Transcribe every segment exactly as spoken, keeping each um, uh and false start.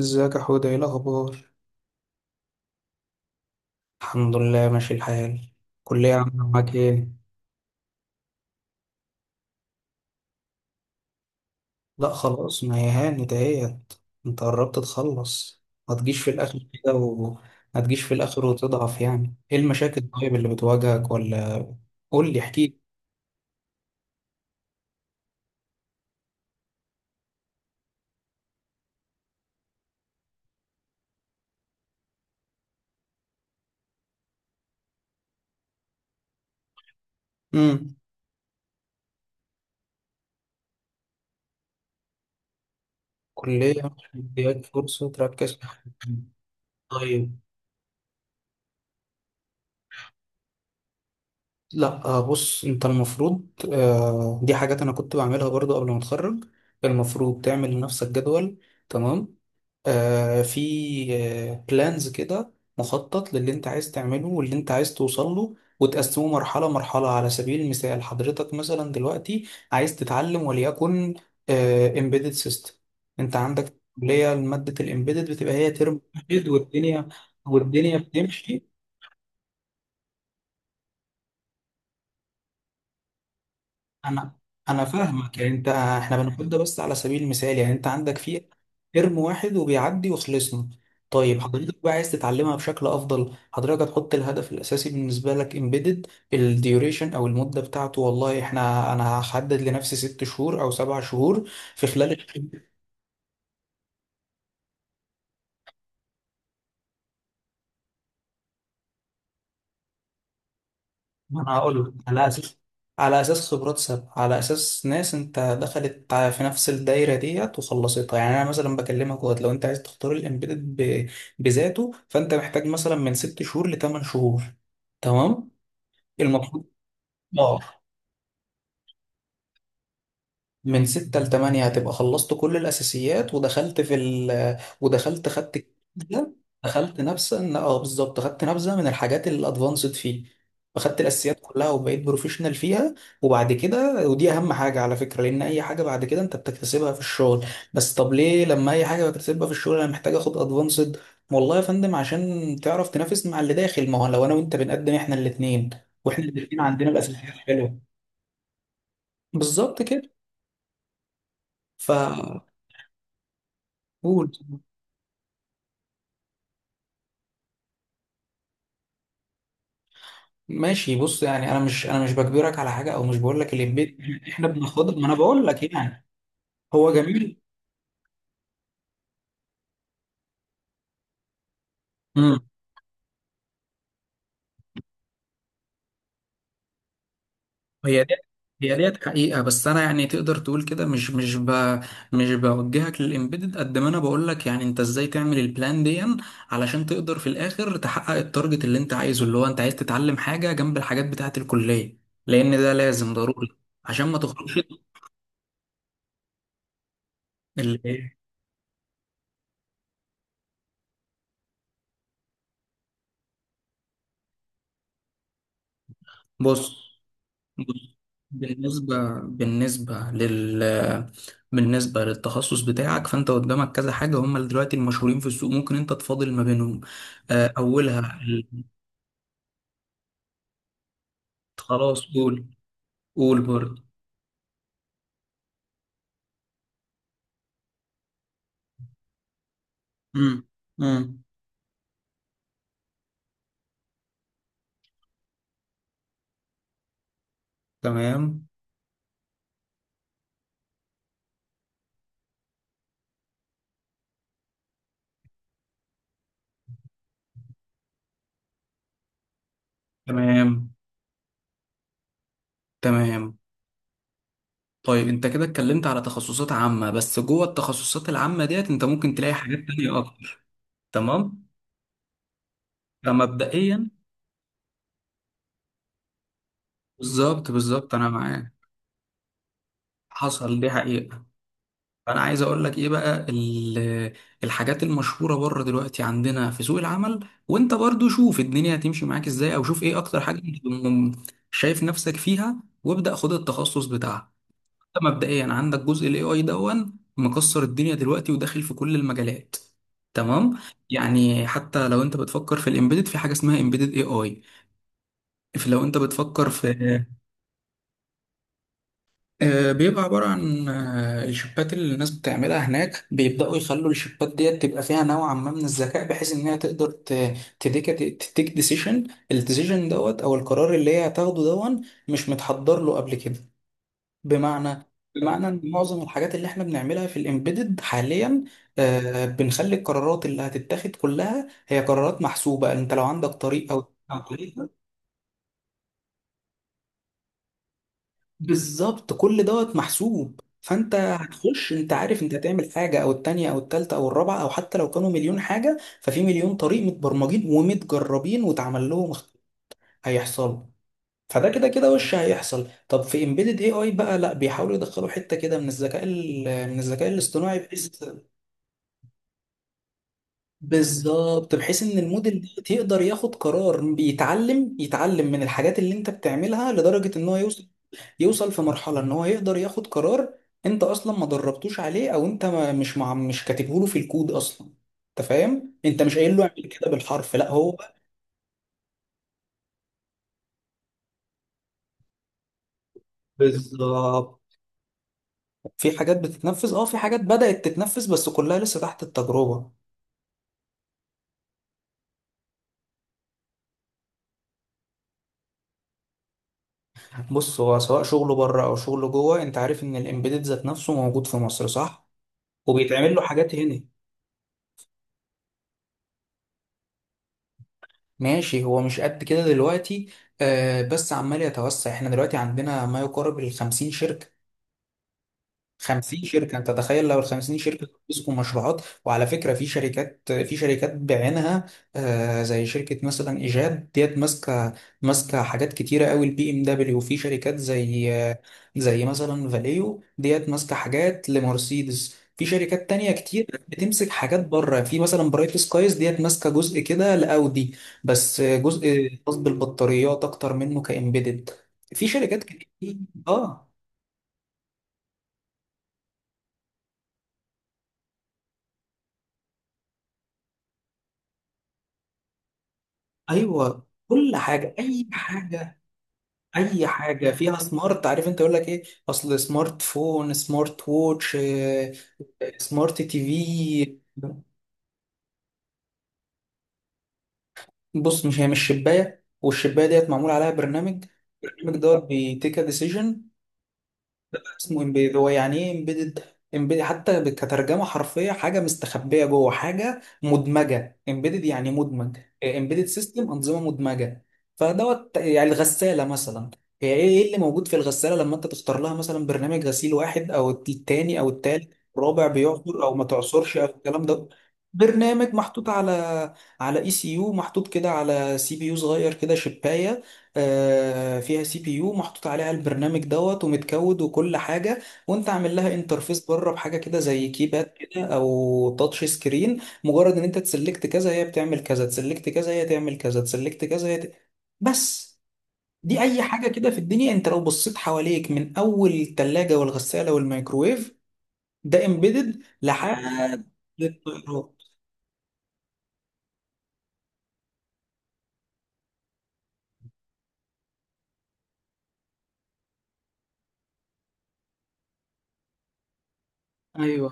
ازيك يا حوده، ايه الاخبار؟ الحمد لله، ماشي الحال. كلية عاملة معاك ايه؟ لا خلاص، ما هي هانت اهيت، انت قربت تخلص. ما تجيش في الاخر كده و... ما تجيش في الاخر وتضعف، يعني ايه المشاكل طيب اللي بتواجهك ولا؟ قول لي، احكي. امم. كلية مش مدياك فرصة تركز في حاجة. طيب. لا، آه، بص انت المفروض، آه، دي حاجات انا كنت بعملها برضو قبل ما اتخرج. المفروض تعمل لنفسك جدول. تمام. آه، في بلانز كده، مخطط للي انت عايز تعمله واللي انت عايز توصل له وتقسمه مرحلة مرحلة، على سبيل المثال حضرتك مثلا دلوقتي عايز تتعلم وليكن امبيدد سيستم. انت عندك كلية، مادة الامبيدد بتبقى هي ترم واحد والدنيا والدنيا بتمشي. انا انا فاهمك، يعني انت احنا بنقول ده بس على سبيل المثال، يعني انت عندك فيه ترم واحد وبيعدي وخلصنا. طيب حضرتك بقى عايز تتعلمها بشكل افضل، حضرتك هتحط الهدف الاساسي بالنسبه لك امبيدد، الديوريشن او المده بتاعته، والله احنا انا هحدد لنفسي ست شهور او سبع شهور في خلال. ما انا هقول لك على اساس على اساس خبرات سابقه، على اساس ناس انت دخلت ع- في نفس الدايره ديت وخلصتها. يعني انا مثلا بكلمك وقت لو انت عايز تختار الامبيدد ب... بذاته، فانت محتاج مثلا من ست شهور لثمان شهور. تمام، المفروض اه من ستة لتمانية هتبقى خلصت كل الأساسيات، ودخلت في ال ودخلت خدت كده، دخلت نبذة إن- اه بالظبط خدت نبذة من الحاجات الأدفانسد فيه، فخدت الأساسيات كلها وبقيت بروفيشنال فيها. وبعد كده ودي أهم حاجة على فكرة، لأن أي حاجة بعد كده أنت بتكتسبها في الشغل. بس طب ليه لما أي حاجة بكتسبها في الشغل أنا محتاج آخد أدفانسد؟ والله يا فندم، عشان تعرف تنافس مع اللي داخل، ما هو لو أنا وأنت بنقدم إحنا الاتنين، وإحنا الاتنين عندنا الأساسيات حلوة. بالظبط كده. ف... قول. ماشي، بص يعني انا مش انا مش بجبرك على حاجه، او مش بقول لك الامبيد، احنا بناخدها، ما انا بقول لك يعني هو جميل. امم. هي دي هي ديت حقيقه، بس انا يعني تقدر تقول كده، مش مش ب مش بوجهك للامبيدد، قد ما انا بقول لك يعني انت ازاي تعمل البلان دي، علشان تقدر في الاخر تحقق التارجت اللي انت عايزه، اللي هو انت عايز تتعلم حاجه جنب الحاجات بتاعه الكليه، لان ده لازم ضروري عشان ما تخرجش. اللي إيه؟ بص، بالنسبة بالنسبة لل بالنسبة للتخصص بتاعك، فأنت قدامك كذا حاجة هم اللي دلوقتي المشهورين في السوق، ممكن أنت تفاضل ما بينهم. آه، أولها ال- خلاص قول. قول برضه. مم. مم. تمام. تمام. تمام. طيب أنت كده اتكلمت على تخصصات عامة، بس جوه التخصصات العامة ديت أنت ممكن تلاقي حاجات تانية أكتر. تمام. فمبدئيا، بالظبط بالظبط أنا معاك. حصل، دي حقيقة. انا عايز اقول لك ايه بقى، ال- الحاجات المشهوره بره دلوقتي عندنا في سوق العمل، وانت برضو شوف الدنيا هتمشي معاك ازاي، او شوف ايه اكتر حاجه انت م- شايف نفسك فيها، وابدا خد التخصص بتاعها. انت مبدئيا عندك جزء الاي اي، دون مكسر الدنيا دلوقتي وداخل في كل المجالات. تمام. يعني حتى لو انت بتفكر في الامبيدد، في حاجه اسمها امبيدد اي اي. لو انت بتفكر في، آه، بيبقى عبارة عن آه، الشيبات اللي الناس بتعملها هناك، بيبدأوا يخلوا الشيبات ديت تبقى فيها نوعا ما من الذكاء، بحيث إنها تقدر ت- تديك تتيك ديسيشن، الديسيشن دوت أو القرار اللي هي هتاخده، دون مش متحضر له قبل كده. بمعنى بمعنى إن معظم الحاجات اللي إحنا بنعملها في الإمبيدد حاليا، آه، بنخلي القرارات اللي هتتاخد كلها هي قرارات محسوبة، أنت لو عندك طريق أو بالظبط. كل دوت محسوب، فانت هتخش انت عارف انت هتعمل حاجه او التانيه او التالته او الرابعه، او حتى لو كانوا مليون حاجه ففي مليون طريق متبرمجين ومتجربين واتعمل لهم اخت- هيحصلوا. فده كده كده وش هيحصل. طب في امبيدد اي اي بقى لا، بيحاولوا يدخلوا حته كده من الذكاء ال- من الذكاء الاصطناعي، بحيث بالظبط، بحيث ان الموديل ده يقدر ياخد قرار، بيتعلم يتعلم من الحاجات اللي انت بتعملها لدرجه ان هو يوصل يوصل في مرحلة ان هو يقدر ياخد قرار انت اصلا ما دربتوش عليه، او انت ما مش مع مش كاتبه له في الكود اصلا. انت فاهم، انت مش قايل له اعمل كده بالحرف، لا هو بالظبط. في حاجات بتتنفذ، اه في حاجات بدأت تتنفذ بس كلها لسه تحت التجربة. بص، هو سواء شغله بره او شغله جوه، انت عارف ان الامبيدد ذات نفسه موجود في مصر صح، وبيتعمل له حاجات هنا. ماشي، هو مش قد كده دلوقتي، آه بس عمال يتوسع، احنا دلوقتي عندنا ما يقارب ال خمسين شركة. خمسين شركة، انت تخيل لو ال خمسين شركة بيمسكوا مشروعات، وعلى فكرة في شركات، في شركات بعينها، آه، زي شركة مثلا إيجاد ديت ماسكة، ماسكة حاجات كتيرة قوي، البي ام دبليو، وفي شركات زي آه، زي مثلا فاليو ديت ماسكة حاجات لمرسيدس، في شركات تانية كتير بتمسك حاجات بره، في مثلا برايت سكايز ديت ماسكة جزء كده لأودي، بس جزء خاص بالبطاريات أكتر منه كإمبيدد. في شركات كتير. اه ايوه، كل حاجه، اي حاجه اي حاجه فيها سمارت، عارف انت يقول لك ايه، اصل سمارت فون، سمارت ووتش، آه، سمارت تي في. بص، مش هي مش شبايه، والشبايه ديت معمول عليها برنامج، البرنامج دوت بيتيك ديسيجن، اسمه امبيد. هو يعني ايه امبيدد؟ امبيد حتى ب- كترجمه حرفيه حاجه مستخبيه جوه حاجه مدمجه، امبيدد يعني مدمج. امبيدد سيستم، انظمه مدمجه. فدوت يعني الغساله مثلا، هي ايه إيه اللي موجود في الغساله لما انت تختار لها مثلا برنامج غسيل، واحد او التاني او التالت، الرابع بيعصر او ما تعصرش او الكلام ده. برنامج محطوط على، على اي سي يو محطوط كده، على سي بي يو صغير كده شبايه، آه، فيها سي بي يو محطوط عليها البرنامج دوت ومتكود وكل حاجه، وانت عامل لها انترفيس بره بحاجه كده زي كيباد كده او تاتش سكرين، مجرد ان انت تسلكت كذا هي بتعمل كذا، تسلكت كذا هي تعمل كذا، تسلكت كذا هي ت... بس. دي اي حاجه كده في الدنيا، انت لو بصيت حواليك، من اول الثلاجه والغساله والميكروويف، ده امبيدد لحد الطيارات. ايوه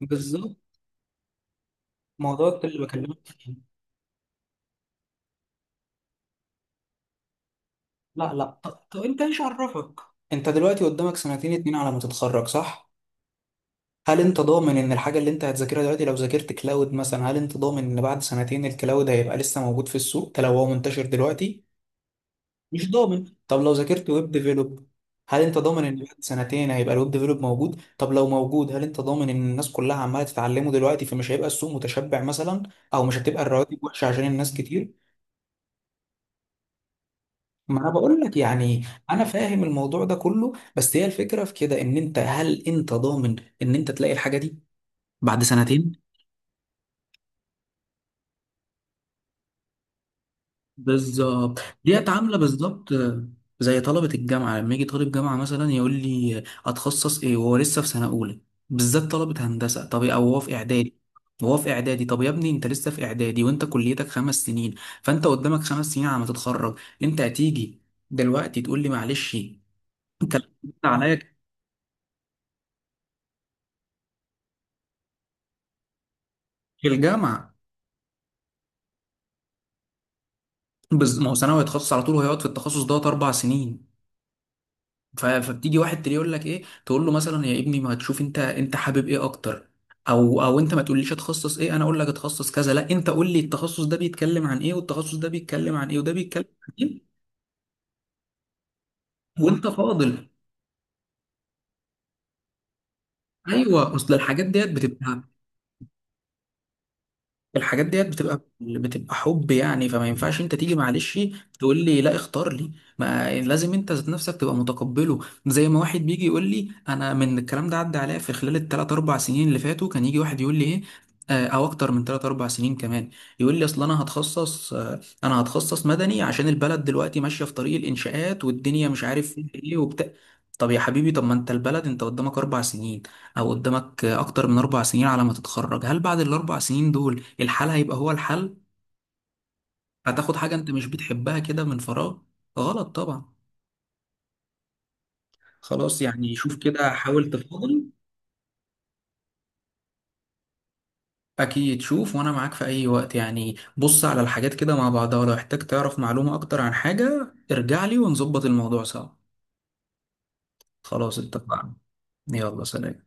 بالظبط. موضوع اللي بكلمك فيه. لا لا، ط- طب انت ايش عرفك؟ انت دلوقتي قدامك سنتين اتنين على ما تتخرج صح؟ هل انت ضامن ان الحاجة اللي انت هتذاكرها دلوقتي، لو ذاكرت كلاود مثلا، هل انت ضامن ان بعد سنتين الكلاود هيبقى لسه موجود في السوق ده لو هو منتشر دلوقتي؟ مش ضامن. طب لو ذاكرت ويب ديفلوب، هل انت ضامن ان بعد سنتين هيبقى الويب ديفلوب موجود؟ طب لو موجود، هل انت ضامن ان الناس كلها عمالة تتعلمه دلوقتي، فمش هيبقى السوق متشبع مثلا، او مش هتبقى الرواتب وحشة عشان الناس كتير؟ ما انا بقول لك يعني انا فاهم الموضوع ده كله، بس هي الفكره في كده ان انت، هل انت ضامن ان انت تلاقي الحاجه دي بعد سنتين؟ بالظبط، ديت عامله بالظبط زي طلبه الجامعه، لما يجي طالب جامعه مثلا يقول لي اتخصص ايه وهو لسه في سنه اولى، بالذات طلبه هندسه، طب او هو في اعدادي. وهو في اعدادي، طب يا ابني انت لسه في اعدادي وانت كليتك خمس سنين، فانت قدامك خمس سنين على ما تتخرج، انت هتيجي دلوقتي تقول لي معلش انت عليا في الجامعه؟ بز... ما هو ثانوي هيتخصص على طول، وهيقعد في التخصص دوت اربع سنين. ف... فبتيجي واحد تلاقيه يقول لك ايه، تقول له مثلا يا ابني ما تشوف انت، انت حابب ايه اكتر، او او انت ما تقوليش اتخصص ايه، انا اقول لك اتخصص كذا، لا انت قول لي التخصص ده بيتكلم عن ايه، والتخصص ده بيتكلم عن ايه، وده بيتكلم عن ايه، وانت فاضل. ايوه، اصل الحاجات ديت بتبقى، الحاجات ديت بتبقى بتبقى حب يعني، فما ينفعش انت تيجي معلش تقول لي لا اختار لي، ما لازم انت ذات نفسك تبقى متقبله. زي ما واحد بيجي يقول لي، انا من الكلام ده عدى عليا في خلال الثلاث اربع سنين اللي فاتوا، كان يجي واحد يقول لي ايه، آه، او اكتر من ثلاث اربع سنين كمان، يقول لي اصل انا هتخصص آه، انا هتخصص مدني عشان البلد دلوقتي ماشيه في طريق الانشاءات، والدنيا مش عارف فيها ايه وبتاع. طب يا حبيبي، طب ما انت البلد، انت قدامك اربع سنين، او قدامك اكتر من اربع سنين على ما تتخرج، هل بعد الاربع سنين دول الحل هيبقى هو الحل؟ هتاخد حاجة انت مش بتحبها كده من فراغ، غلط طبعا. خلاص يعني، شوف كده، حاول تفاضل. اكيد شوف، وانا معاك في اي وقت يعني، بص على الحاجات كده مع بعضها، ولو احتاج تعرف معلومة اكتر عن حاجة ارجع لي، ونظبط الموضوع سوا. خلاص اتفقنا. يلا سلام.